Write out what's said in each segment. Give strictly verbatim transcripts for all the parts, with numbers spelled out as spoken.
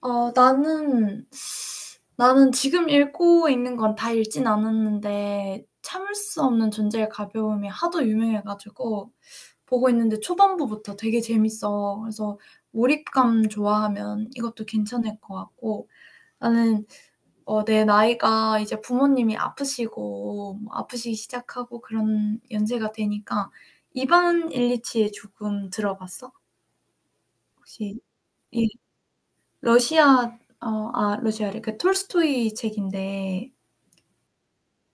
어 나는 나는 지금 읽고 있는 건 다 읽진 않았는데 참을 수 없는 존재의 가벼움이 하도 유명해 가지고 보고 있는데 초반부부터 되게 재밌어. 그래서 몰입감 좋아하면 이것도 괜찮을 것 같고 나는. 어 내 나이가 이제 부모님이 아프시고 뭐 아프시기 시작하고 그런 연세가 되니까 이반 일리치에 조금 들어봤어? 혹시 러시아 어 아 러시아래. 그 톨스토이 책인데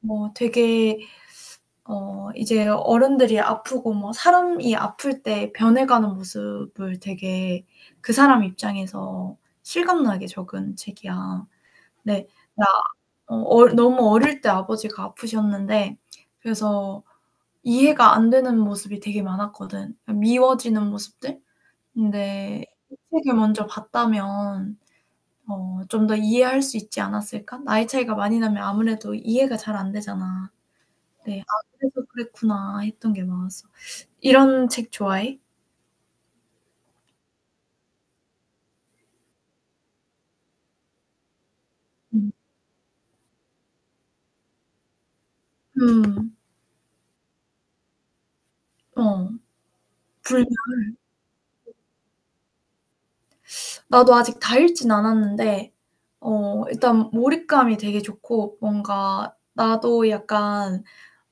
뭐 되게 어 이제 어른들이 아프고 뭐 사람이 아플 때 변해가는 모습을 되게 그 사람 입장에서 실감나게 적은 책이야. 네. 나, 어 얼 너무 어릴 때 아버지가 아프셨는데 그래서 이해가 안 되는 모습이 되게 많았거든. 미워지는 모습들? 근데 이 책을 먼저 봤다면 어 좀 더 이해할 수 있지 않았을까? 나이 차이가 많이 나면 아무래도 이해가 잘 안 되잖아. 네. '아 그래서 그랬구나.' 했던 게 많았어. 이런 책 좋아해? 음. 음. 어. 불면 나도 아직 다 읽진 않았는데 어 일단 몰입감이 되게 좋고 뭔가 나도 약간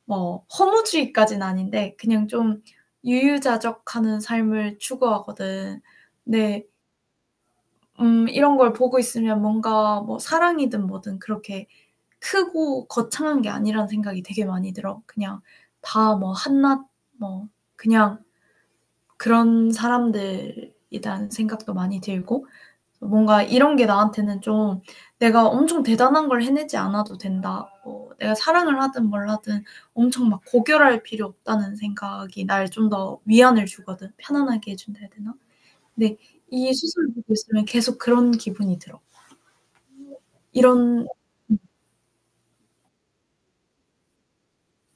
뭐 허무주의까진 아닌데 그냥 좀 유유자적하는 삶을 추구하거든. 네. 음, 이런 걸 보고 있으면 뭔가 뭐 사랑이든 뭐든 그렇게 크고 거창한 게 아니란 생각이 되게 많이 들어. 그냥 다 뭐 한낱 뭐 그냥 그런 사람들이라는 생각도 많이 들고 뭔가 이런 게 나한테는 좀, '내가 엄청 대단한 걸 해내지 않아도 된다.' 뭐 내가 사랑을 하든 뭘 하든 엄청 막 고결할 필요 없다는 생각이 날 좀 더 위안을 주거든. 편안하게 해 준다 해야 되나? 근데 이수설을 보고 있으면 계속 그런 기분이 들어. 이런.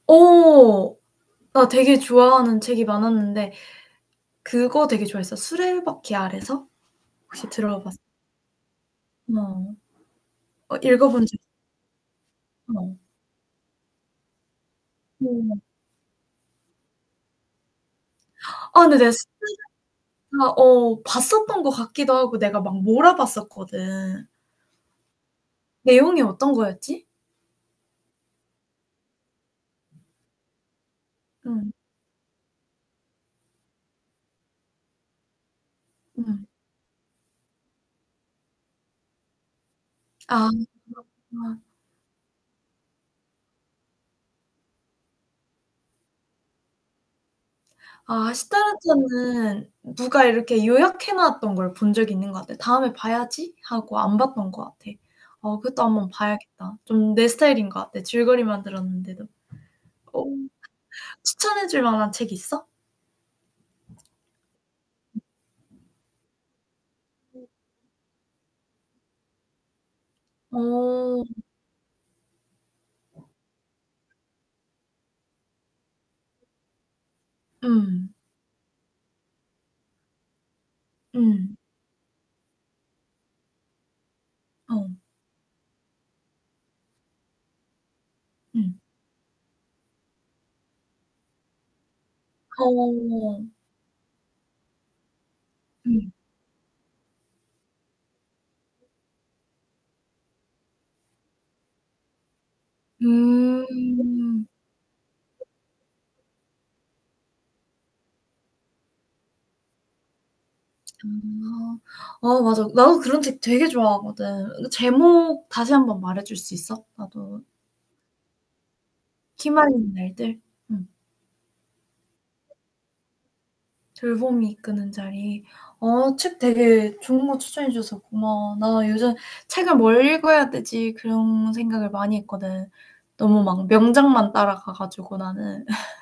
오, 나 되게 좋아하는 책이 많았는데 그거 되게 좋아했어. 수레바퀴 아래서? 혹시 들어봤어? 어. 어, 읽어본 적 있어. 어. 아 근데 내가 진짜 어 봤었던 것 같기도 하고 내가 막 몰아봤었거든. 내용이 어떤 거였지? 음. 음. 아. 아 시타르타는 누가 이렇게 요약해 놨던 걸 본 적이 있는 것 같아. '다음에 봐야지.' 하고 안 봤던 것 같아. 어 그것도 한번 봐야겠다. 좀 내 스타일인 것 같아. 줄거리만 들었는데도. 어 추천해 줄 만한 책 있어? 어. 음. 음. 어. 음. 어. 음. 음. 아. 아 맞아. 나도 그런 책 되게 좋아하거든. 그 제목 다시 한번 말해 줄 수 있어? 나도. "피말리는 날들." 음. "돌봄이 이끄는 자리." 어 책 되게 좋은 거 추천해 줘서 고마워. 나 요즘 '책을 뭘 읽어야 되지?' 그런 생각을 많이 했거든. 너무 막 명작만 따라가 가지고 나는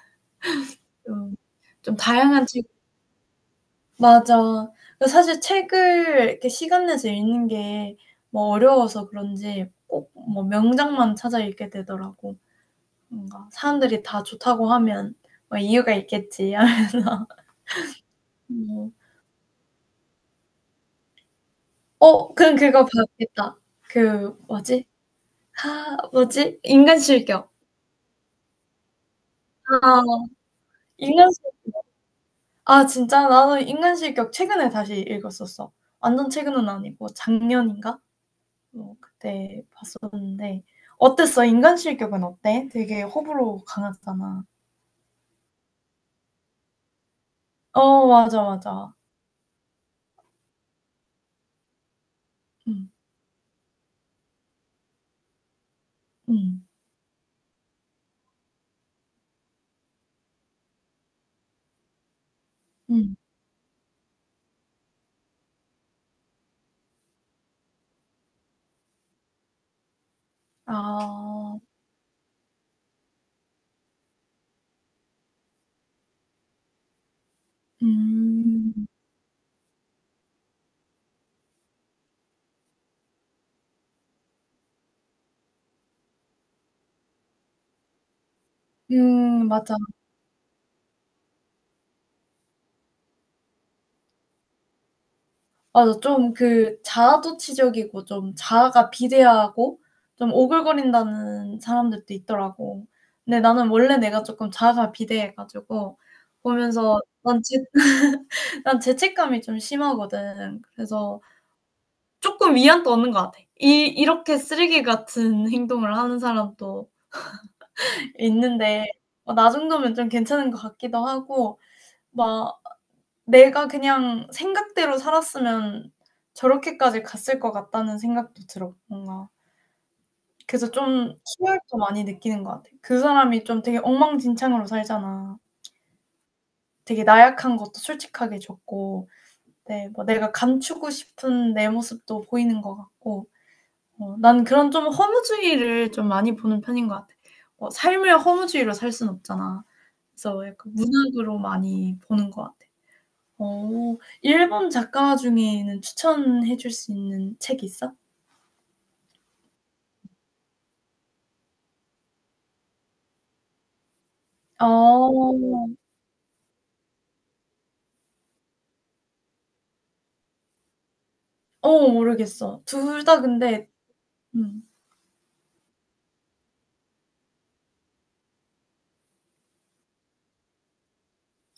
좀 좀 다양한 책. 맞아. 그 사실 책을 이렇게 시간 내서 읽는 게 뭐 어려워서 그런지 꼭 뭐 명작만 찾아 읽게 되더라고. 뭔가 사람들이 다 좋다고 하면 뭐 '이유가 있겠지.' 뭐. 어 그럼 그거 봐야겠다. 그 뭐지? 아 뭐지? 인간실격. 아 인간실 아 진짜? 나는 인간실격 최근에 다시 읽었었어. 완전 최근은 아니고 작년인가? 어 그때 봤었는데 어땠어? 인간 실격은 어때? 되게 호불호 강하잖아. 어 맞아, 맞아. 음. 음. 음. 아. 음. 음 맞아. 맞아. 좀 그 자아도취적이고 좀 자아가 비대하고 좀 오글거린다는 사람들도 있더라고. 근데 나는 원래 내가 조금 자아가 비대해 가지고 보면서 난 죄 난 죄책감이 좀 심하거든. 그래서 조금 위안도 얻는 것 같아. 이 이렇게 쓰레기 같은 행동을 하는 사람도 있는데, 어 나 정도면 좀 괜찮은 것 같기도 하고 막 내가 그냥 생각대로 살았으면 저렇게까지 갔을 것 같다는 생각도 들어 뭔가. 그래서 좀 희열도 많이 느끼는 것 같아. 그 사람이 좀 되게 엉망진창으로 살잖아. 되게 나약한 것도 솔직하게 줬고 네 뭐 내가 감추고 싶은 내 모습도 보이는 것 같고 어 난 그런 좀 허무주의를 좀 많이 보는 편인 것 같아. 어 삶을 허무주의로 살 순 없잖아. 그래서 약간 문학으로 많이 보는 것 같아. 어 일본 작가 중에는 추천해 줄 수 있는 책 있어? 어. 어, 모르겠어. 둘 다 근데. 음.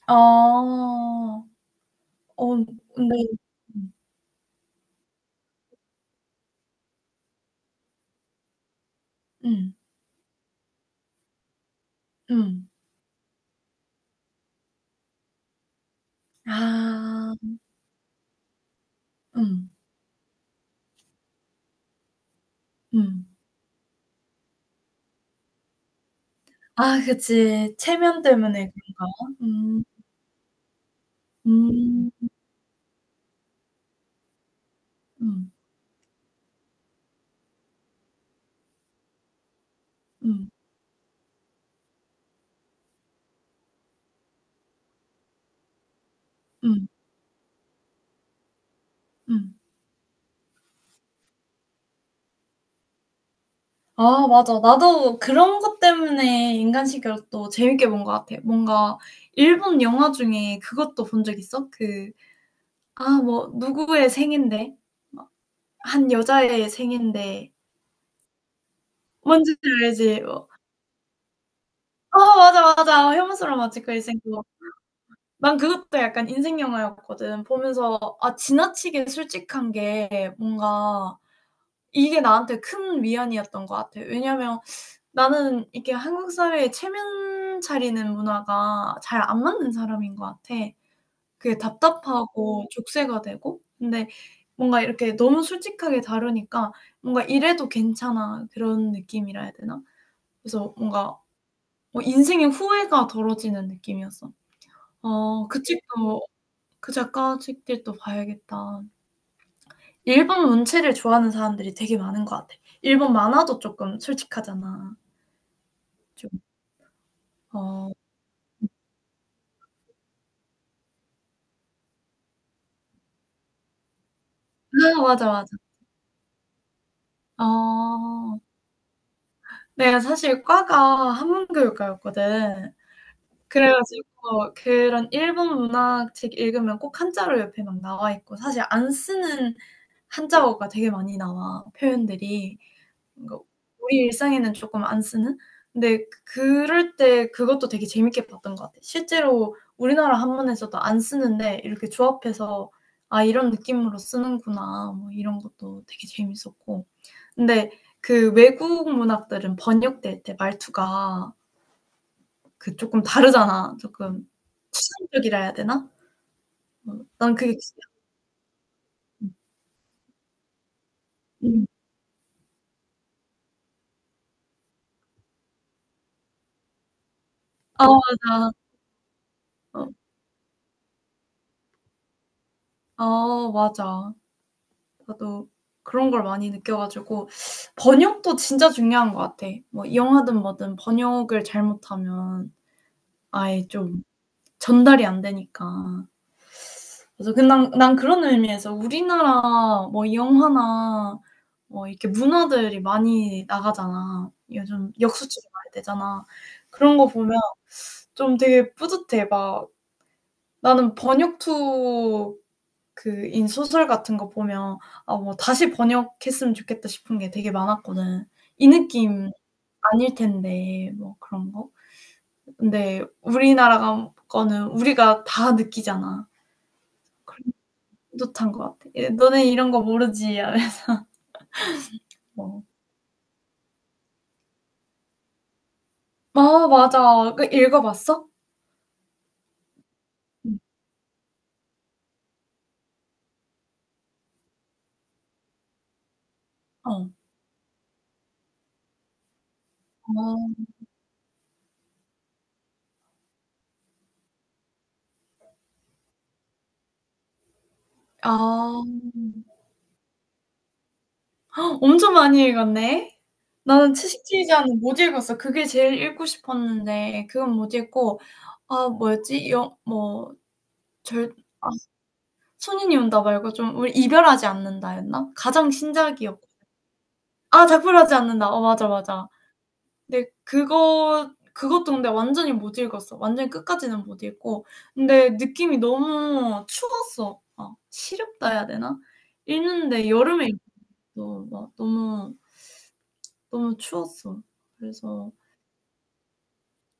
아. 어 근데. 음. 음. 음. 아. 음. 음. 아 그치. 체면 때문에 그런가? 음. 음. 음. 음. 음. 음. 아 맞아. 나도 그런 것 때문에 인간식으로도 재밌게 본 것 같아. 뭔가 일본 영화 중에 그것도 본 적 있어? 그 아 뭐 누구의 생인데 막 한 여자의 생인데 뭔지 알지? 뭐 어 맞아, 맞아. 혐오스러운 마치코의 생 그거. 난 그것도 약간 인생 영화였거든. 보면서 아 지나치게 솔직한 게 뭔가 이게 나한테 큰 위안이었던 것 같아. 왜냐면 나는 이게 한국 사회에 체면 차리는 문화가 잘 안 맞는 사람인 것 같아. 그게 답답하고 족쇄가 되고 근데 뭔가 이렇게 너무 솔직하게 다루니까 뭔가 '이래도 괜찮아.' 그런 느낌이라 해야 되나? 그래서 뭔가 어 인생의 후회가 덜어지는 느낌이었어. '어 그 책도 그 작가 책들도 봐야겠다.' 일본 문체를 좋아하는 사람들이 되게 많은 것 같아. 일본 만화도 쪼끔 솔직하잖아. 좀. 어. 아 맞아, 맞아. 아. 내가 사실 과가 한문교육과였거든. 그래 가지고 그런 일본 문학 책 읽으면 꼭 한자로 옆에 막 나와 있고 사실 안 쓰는 한자어가 되게 많이 나와, 표현들이. 뭔가 우리 일상에는 쪼끔 안 쓰는? 근데 그럴 때 그것도 되게 재밌게 봤던 것 같아. 실제로 우리나라 한문에서도 안 쓰는데 이렇게 조합해서 '아 이런 느낌으로 쓰는구나.' 뭐 이런 것도 되게 재밌었고. 근데 그 외국 문학들은 번역될 때 말투가 그 쪼끔 다르잖아. 조금 추상적이라 해야 되나? 어 난 그게 진짜. 음. 아 맞아. 어. 아 맞아. 나도 그런 걸 많이 느껴 가지고 번역도 진짜 중요한 것 같아. 뭐 영화든 뭐든 번역을 잘못하면 아예 좀 전달이 안 되니까. 그래서 그 난 난 그런 의미에서 우리나라 뭐 영화나 뭐 이렇게 문화들이 많이 나가잖아. 요즘 역수출이 많이 되잖아. 그런 거 보면 좀 되게 뿌듯해. 막 나는 번역 투 그인 소설 같은 거 보면 '아 뭐 다시 번역했으면 좋겠다.' 싶은 게 되게 많았거든. 이 느낌 아닐 텐데 뭐 그런 거. 근데 우리나라 거는 우리가 다 느끼잖아. 그래서 뿌듯한 것 같아. 예 '너네 이런 거 모르지.' 어. 아 맞아. 그 읽어봤어? 음. 어. 아. 아. 엄청 많이 읽었네. 나는 채식주의자는 못 읽었어. 그게 제일 읽고 싶었는데 그건 못 읽고 아 뭐였지? 여 뭐 절 아 손인이 온다 말고 좀 우리 이별하지 않는다였나? 가장 신작이었고 아 작별하지 않는다. 어 맞아, 맞아. 근데 그거 그것도 근데 완전히 못 읽었어. 완전히 끝까지는 못 읽고. 근데 느낌이 너무 추웠어. 아, 시렵다 해야 되나? 읽는데 여름에 읽었어. 막 너무 너무 추웠어. 그래서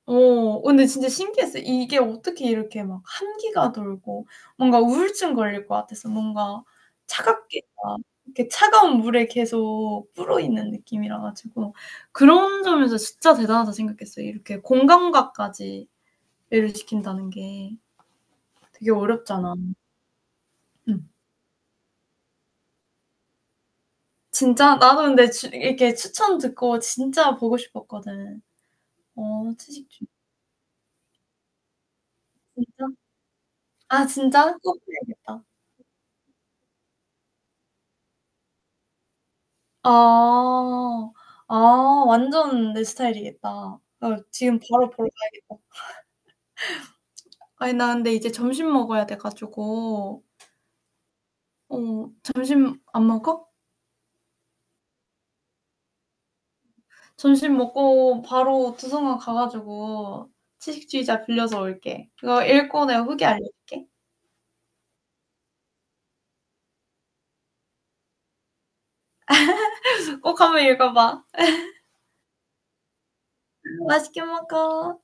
어 근데 진짜 신기했어요. 이게 어떻게 이렇게 막 한기가 돌고 뭔가 우울증 걸릴 것 같아서 뭔가 차갑게 막 이렇게 차가운 물에 계속 불어있는 느낌이라 가지고 그런 점에서 진짜 대단하다 생각했어요. 이렇게 공감각까지 배려시킨다는 게 되게 어렵잖아. 음. 진짜 나도 근데 주 이렇게 추천 듣고 진짜 보고 싶었거든. 어 채식 주의 진짜? 아 진짜? 꼭 해야겠다. 아. 아 완전 내 스타일이겠다. 어 지금 바로 보러 가야겠다. 아니 나 근데 이제 점심 먹어야 돼 가지고 어 점심 안 먹어? 점심 먹고 바로 도서관 가 가지고 채식주의자 빌려서 올게. 그거 읽고 내가 후기 알려줄게. 꼭 한번 읽어 봐. 맛있게 먹어.